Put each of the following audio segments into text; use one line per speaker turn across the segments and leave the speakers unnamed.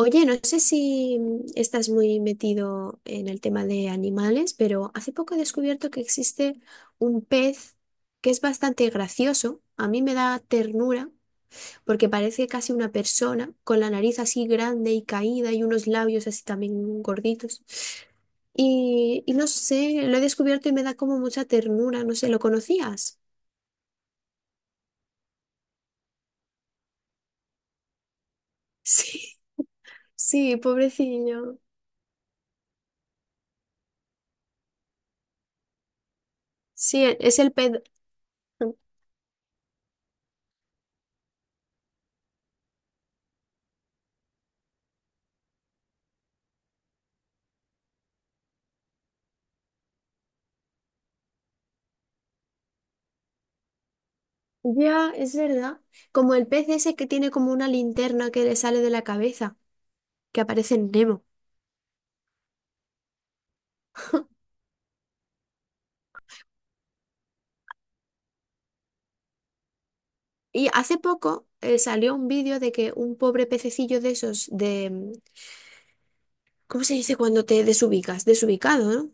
Oye, no sé si estás muy metido en el tema de animales, pero hace poco he descubierto que existe un pez que es bastante gracioso. A mí me da ternura porque parece casi una persona con la nariz así grande y caída y unos labios así también gorditos. Y no sé, lo he descubierto y me da como mucha ternura. No sé, ¿lo conocías? Sí, sí, pobrecillo. Sí, es el pez. Ya, es verdad. Como el pez ese que tiene como una linterna que le sale de la cabeza, que aparece en Nemo. Y hace poco salió un vídeo de que un pobre pececillo de esos de, ¿cómo se dice cuando te desubicas? Desubicado, ¿no?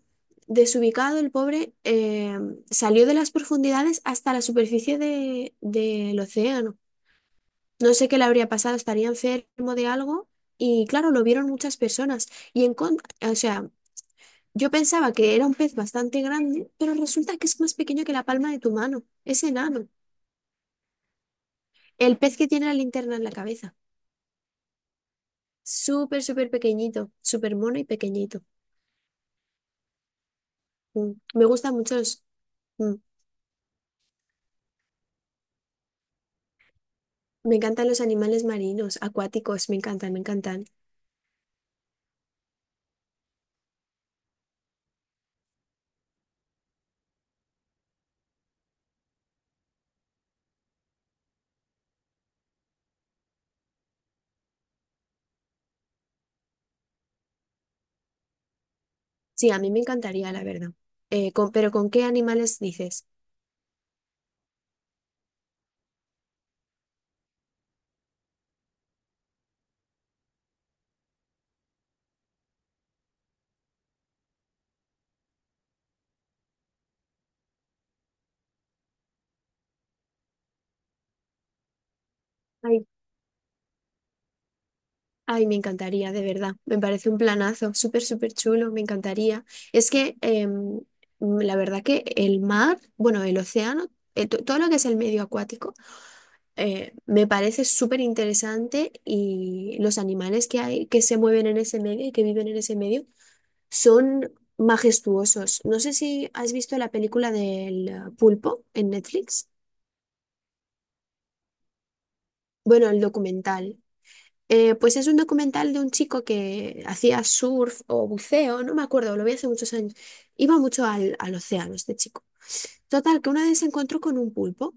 Desubicado, el pobre salió de las profundidades hasta la superficie del océano. No sé qué le habría pasado, estaría enfermo de algo y claro, lo vieron muchas personas. Y en con- o sea, yo pensaba que era un pez bastante grande, pero resulta que es más pequeño que la palma de tu mano. Es enano. El pez que tiene la linterna en la cabeza. Súper, súper pequeñito, súper mono y pequeñito. Mm. Me gustan muchos. Me encantan los animales marinos, acuáticos, me encantan, me encantan. Sí, a mí me encantaría, la verdad. Pero ¿con qué animales dices? Ay, ay, me encantaría, de verdad. Me parece un planazo, súper, súper chulo, me encantaría. Es que la verdad que el mar, bueno, el océano, todo lo que es el medio acuático, me parece súper interesante y los animales que hay, que se mueven en ese medio y que viven en ese medio. Son majestuosos. No sé si has visto la película del pulpo en Netflix. Bueno, el documental. Pues es un documental de un chico que hacía surf o buceo, no me acuerdo, lo vi hace muchos años. Iba mucho al océano este chico. Total, que una vez se encontró con un pulpo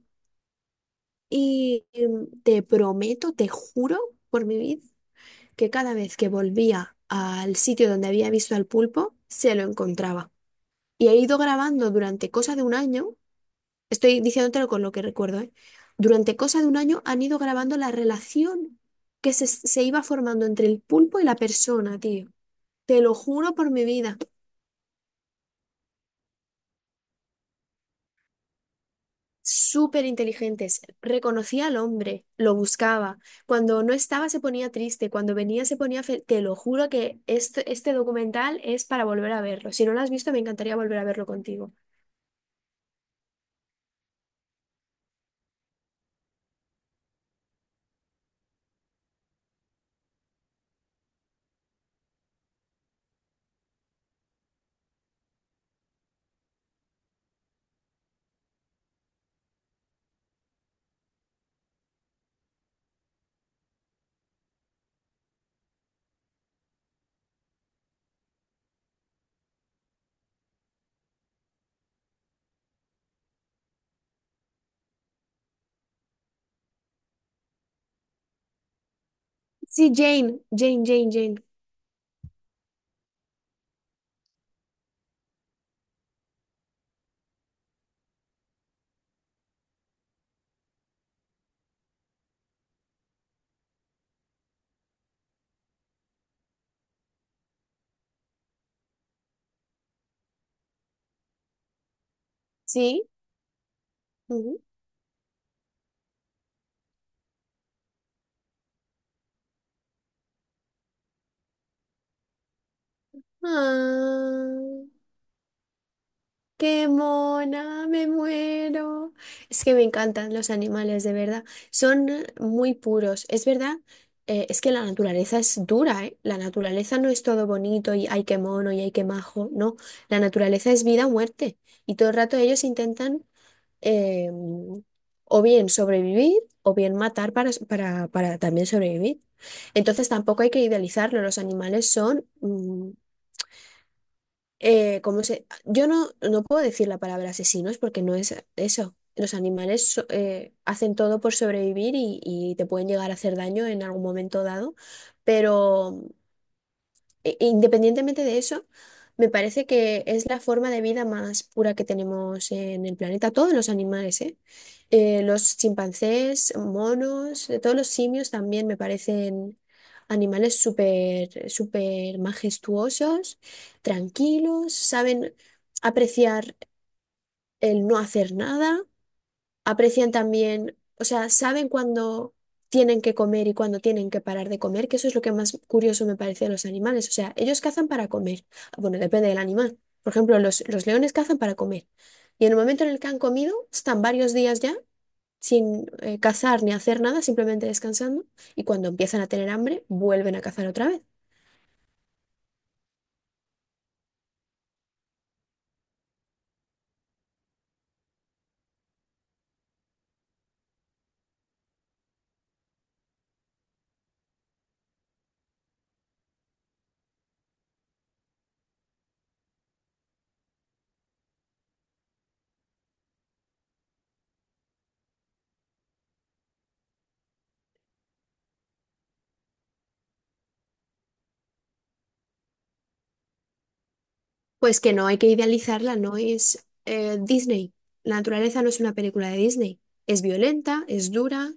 y te prometo, te juro por mi vida, que cada vez que volvía al sitio donde había visto al pulpo, se lo encontraba. Y he ido grabando durante cosa de un año. Estoy diciéndotelo con lo que recuerdo, ¿eh? Durante cosa de un año han ido grabando la relación que se iba formando entre el pulpo y la persona, tío. Te lo juro por mi vida. Súper inteligentes. Reconocía al hombre, lo buscaba. Cuando no estaba se ponía triste, cuando venía se ponía feliz. Te lo juro que este documental es para volver a verlo. Si no lo has visto, me encantaría volver a verlo contigo. Sí, Jane, Jane. Sí. Ujú. Ah. Qué mona, me muero. Es que me encantan los animales, de verdad. Son muy puros. Es verdad, es que la naturaleza es dura, ¿eh? La naturaleza no es todo bonito y ay, qué mono y ay, qué majo. No, la naturaleza es vida o muerte. Y todo el rato ellos intentan eh, o bien sobrevivir o bien matar para también sobrevivir. Entonces tampoco hay que idealizarlo. Los animales son ¿cómo se? Yo no puedo decir la palabra asesinos porque no es eso. Los hacen todo por sobrevivir y te pueden llegar a hacer daño en algún momento dado, pero independientemente de eso, me parece que es la forma de vida más pura que tenemos en el planeta. Todos los animales, ¿eh? Los chimpancés, monos, todos los simios también me parecen animales súper, súper majestuosos, tranquilos, saben apreciar el no hacer nada, aprecian también, o sea, saben cuándo tienen que comer y cuándo tienen que parar de comer, que eso es lo que más curioso me parece de los animales. O sea, ellos cazan para comer. Ah, bueno, depende del animal. Por ejemplo, los leones cazan para comer. Y en el momento en el que han comido, están varios días ya sin cazar ni hacer nada, simplemente descansando. Y cuando empiezan a tener hambre, vuelven a cazar otra vez. Pues que no hay que idealizarla, no es Disney. La naturaleza no es una película de Disney. Es violenta, es dura.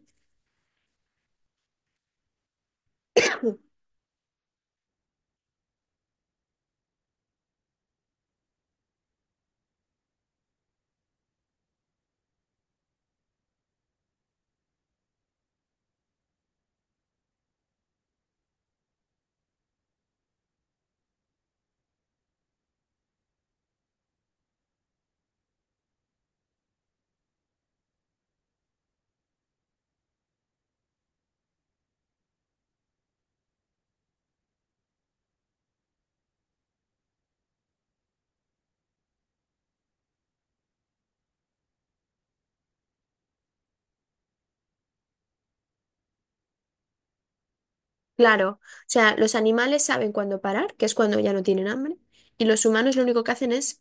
Claro, o sea, los animales saben cuándo parar, que es cuando ya no tienen hambre, y los humanos lo único que hacen es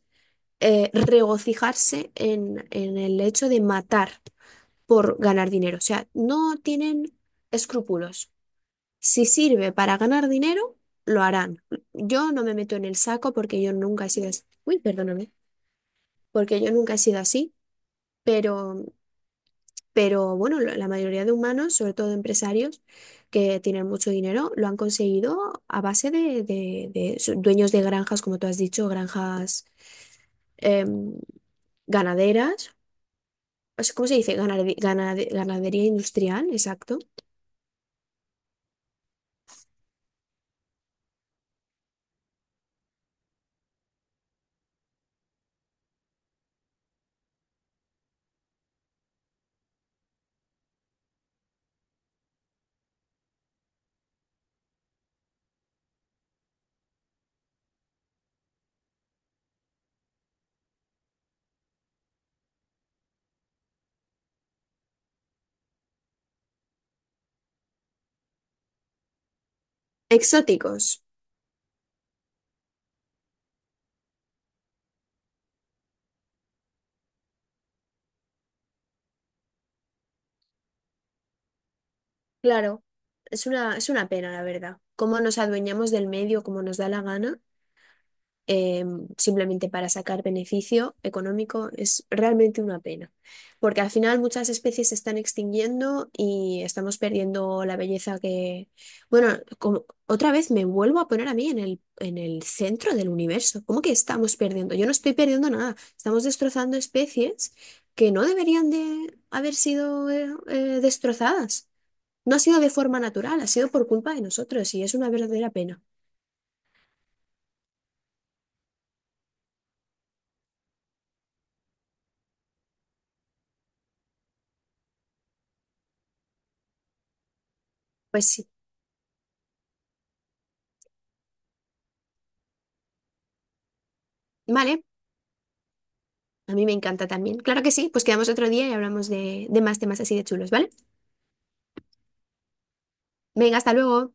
regocijarse en el hecho de matar por ganar dinero. O sea, no tienen escrúpulos. Si sirve para ganar dinero, lo harán. Yo no me meto en el saco porque yo nunca he sido así. Uy, perdóname, porque yo nunca he sido así, pero. Pero bueno, la mayoría de humanos, sobre todo empresarios que tienen mucho dinero, lo han conseguido a base de dueños de granjas, como tú has dicho, granjas em, ganaderas. O sea, ¿cómo se dice? Ganadería industrial, exacto. Exóticos, claro. Es una pena, la verdad. Cómo nos adueñamos del medio, como nos da la gana. eh, Simplemente para sacar beneficio económico es realmente una pena, porque al final muchas especies se están extinguiendo y estamos perdiendo la belleza que... Bueno, otra vez me vuelvo a poner a mí en en el centro del universo. ¿Cómo que estamos perdiendo? Yo no estoy perdiendo nada, estamos destrozando especies que no deberían de haber sido destrozadas. No ha sido de forma natural, ha sido por culpa de nosotros y es una verdadera pena. Pues sí. Vale, a mí me encanta también. Claro que sí, pues quedamos otro día y hablamos de más temas así de chulos, ¿vale? Venga, hasta luego.